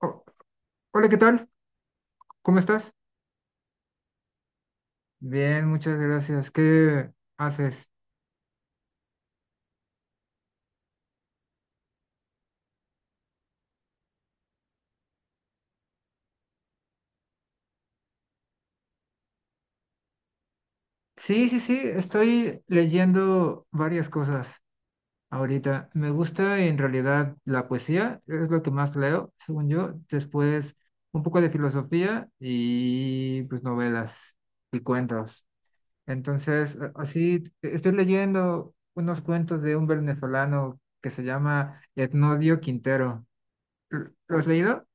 Oh, hola, ¿qué tal? ¿Cómo estás? Bien, muchas gracias. ¿Qué haces? Sí, sí, sí, estoy leyendo varias cosas ahorita. Me gusta en realidad la poesía, es lo que más leo, según yo. Después un poco de filosofía y pues novelas y cuentos. Entonces, así estoy leyendo unos cuentos de un venezolano que se llama Etnodio Quintero. ¿Lo has leído?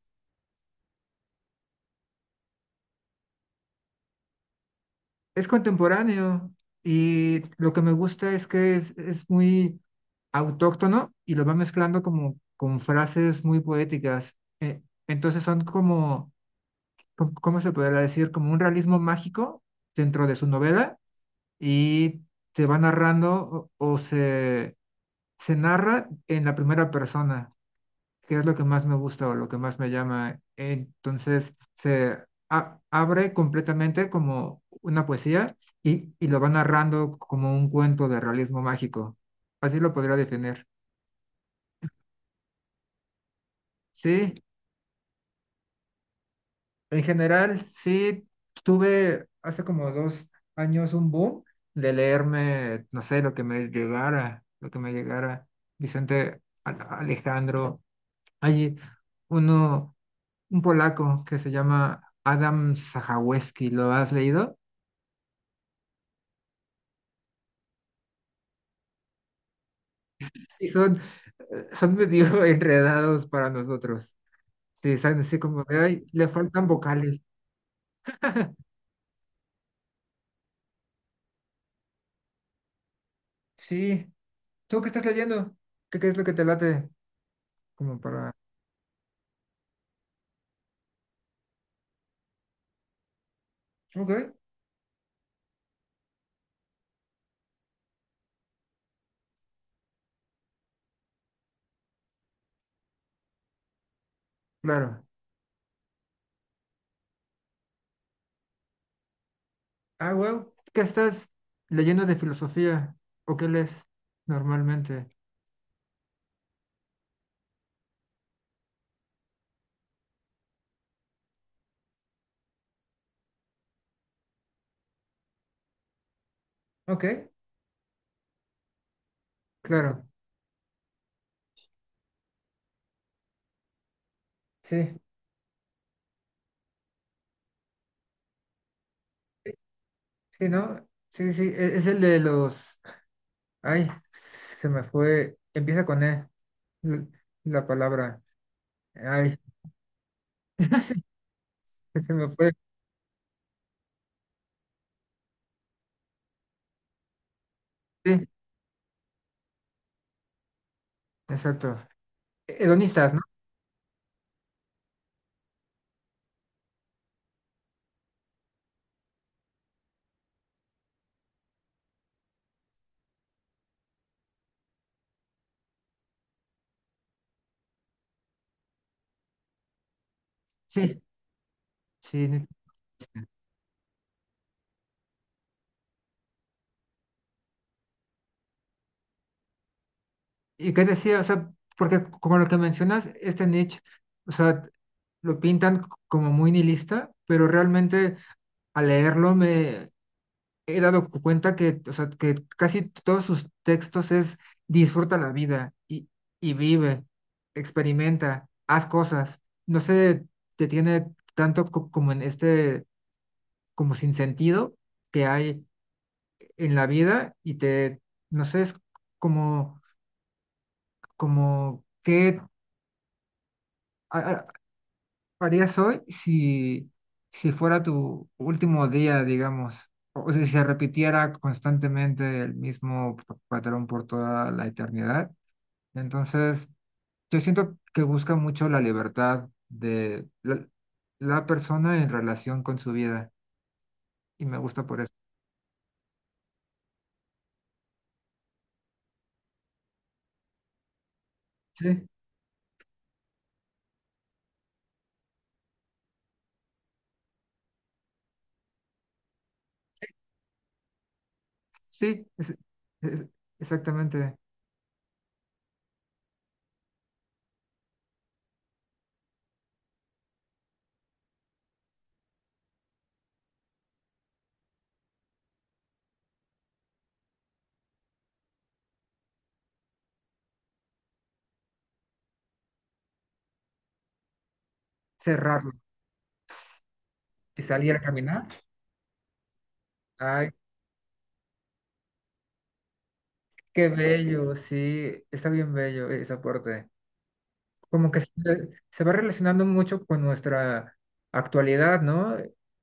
Es contemporáneo y lo que me gusta es que es muy autóctono y lo va mezclando como con frases muy poéticas. Entonces son como, ¿cómo se podría decir? Como un realismo mágico dentro de su novela y se va narrando o se narra en la primera persona que es lo que más me gusta o lo que más me llama. Entonces se abre completamente como una poesía y lo va narrando como un cuento de realismo mágico. Así lo podría definir. Sí, en general, sí, tuve hace como dos años un boom de leerme, no sé, lo que me llegara, lo que me llegara. Vicente Alejandro, hay uno un polaco que se llama Adam Sajaweski, ¿lo has leído? Sí, son, son medio enredados para nosotros. Sí, son así como de, ay, le faltan vocales. Sí, ¿tú qué estás leyendo? Qué es lo que te late? Como para... Ok, claro. Ah, wow. ¿Qué estás leyendo de filosofía? ¿O qué lees normalmente? Ok, claro. Sí, sí, ¿no? Sí, sí, es el de los. Ay, se me fue. Empieza con E, l- la palabra. Ay, sí, se me fue. Sí, exacto. Hedonistas, ¿no? Sí, sí, hedonista. ¿Y qué decía? O sea, porque como lo que mencionas, este Nietzsche, o sea, lo pintan como muy nihilista, pero realmente al leerlo me, he dado cuenta que, o sea, que casi todos sus textos es disfruta la vida y vive, experimenta, haz cosas. No se detiene tanto como en este, como sin sentido que hay en la vida y te, no sé, es como, como que a- a- harías hoy si, si fuera tu último día, ¿digamos? O sea, si se repitiera constantemente el mismo patrón por toda la eternidad. Entonces, yo siento que busca mucho la libertad de la persona en relación con su vida y me gusta por eso. Sí, sí, es- exactamente. Cerrarlo y salir a caminar. Ay, qué bello, sí, está bien bello ese aporte. Como que se va relacionando mucho con nuestra actualidad, ¿no?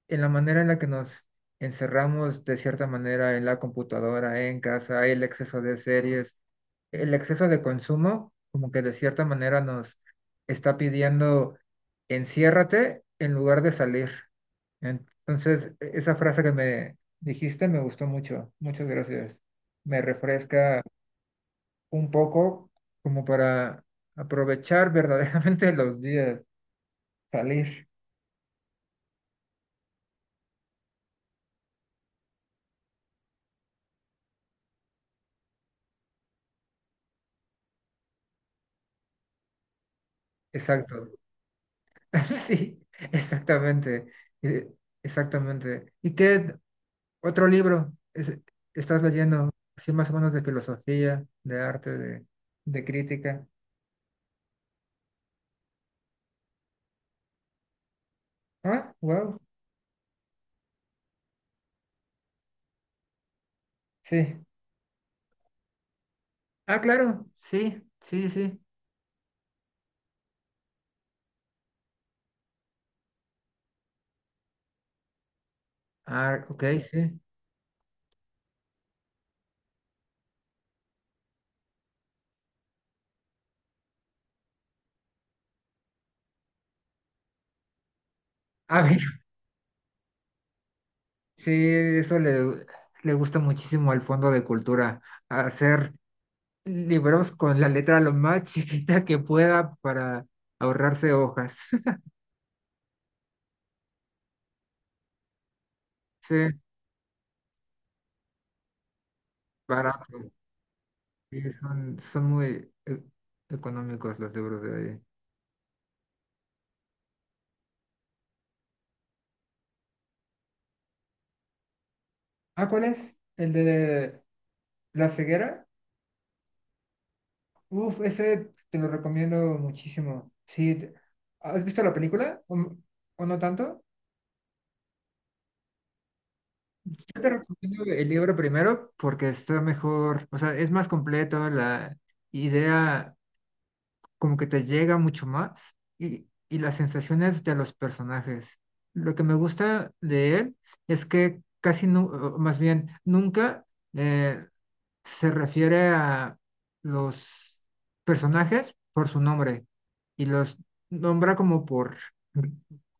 En la manera en la que nos encerramos de cierta manera en la computadora, en casa, el exceso de series, el exceso de consumo, como que de cierta manera nos está pidiendo enciérrate en lugar de salir. Entonces, esa frase que me dijiste me gustó mucho. Muchas gracias. Me refresca un poco como para aprovechar verdaderamente los días, salir. Exacto. Sí, exactamente. eh, Exactamente. ¿Y qué otro libro estás leyendo? Así más o menos de filosofía, de arte, de crítica. Ah, wow. Sí. Ah, claro. Sí, sí, sí. Ah, ok, sí. A ver, sí, eso le, le gusta muchísimo al Fondo de Cultura, hacer libros con la letra lo más chiquita que pueda para ahorrarse hojas. Sí, barato. Sí, son, son muy económicos los libros de ahí. Ah, ¿cuál es? ¿El de La ceguera? Uf, ese te lo recomiendo muchísimo. Sí, ¿has visto la película? ¿O, o no tanto? Yo te recomiendo el libro primero porque está mejor, o sea, es más completo, la idea como que te llega mucho más y las sensaciones de los personajes. Lo que me gusta de él es que casi, o más bien, nunca eh, se refiere a los personajes por su nombre y los nombra como por,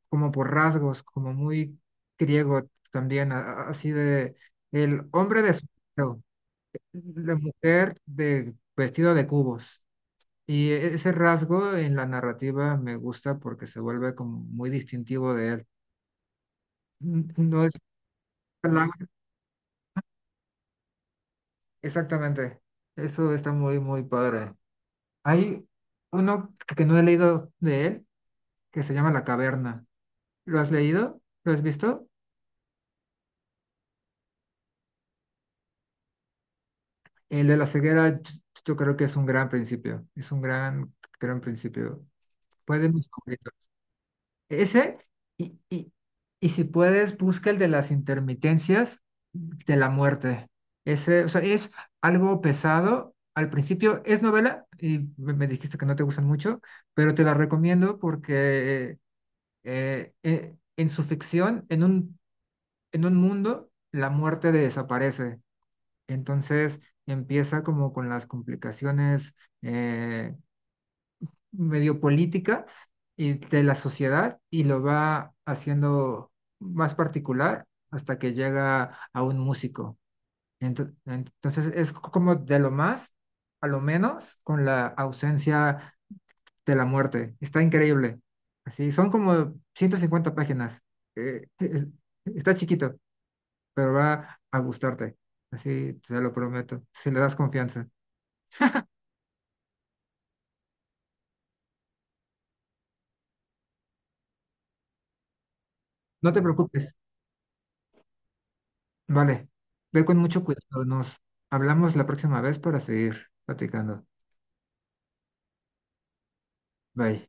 como por rasgos, como muy griego también, así de el hombre de sombrero, la mujer de vestido de cubos. Y ese rasgo en la narrativa me gusta porque se vuelve como muy distintivo de él. No es palabra- exactamente. Eso está muy, muy padre. Hay uno que no he leído de él que se llama La Caverna. ¿Lo has leído? ¿Lo has visto? El de la ceguera, yo creo que es un gran principio. Es un gran, gran principio. Fue de mis favoritos. Ese, y, y, y si puedes, busca el de las intermitencias de la muerte. Ese, o sea, es algo pesado. Al principio es novela, y me dijiste que no te gustan mucho, pero te la recomiendo porque en su ficción, en un mundo, la muerte desaparece. Entonces empieza como con las complicaciones eh, medio políticas y de la sociedad y lo va haciendo más particular hasta que llega a un músico. Entonces es como de lo más a lo menos con la ausencia de la muerte. Está increíble. Así, son como 150 páginas. Eh, es- Está chiquito, pero va a gustarte. Así te lo prometo, si le das confianza. No te preocupes. Vale, ve con mucho cuidado. Nos hablamos la próxima vez para seguir platicando. Bye.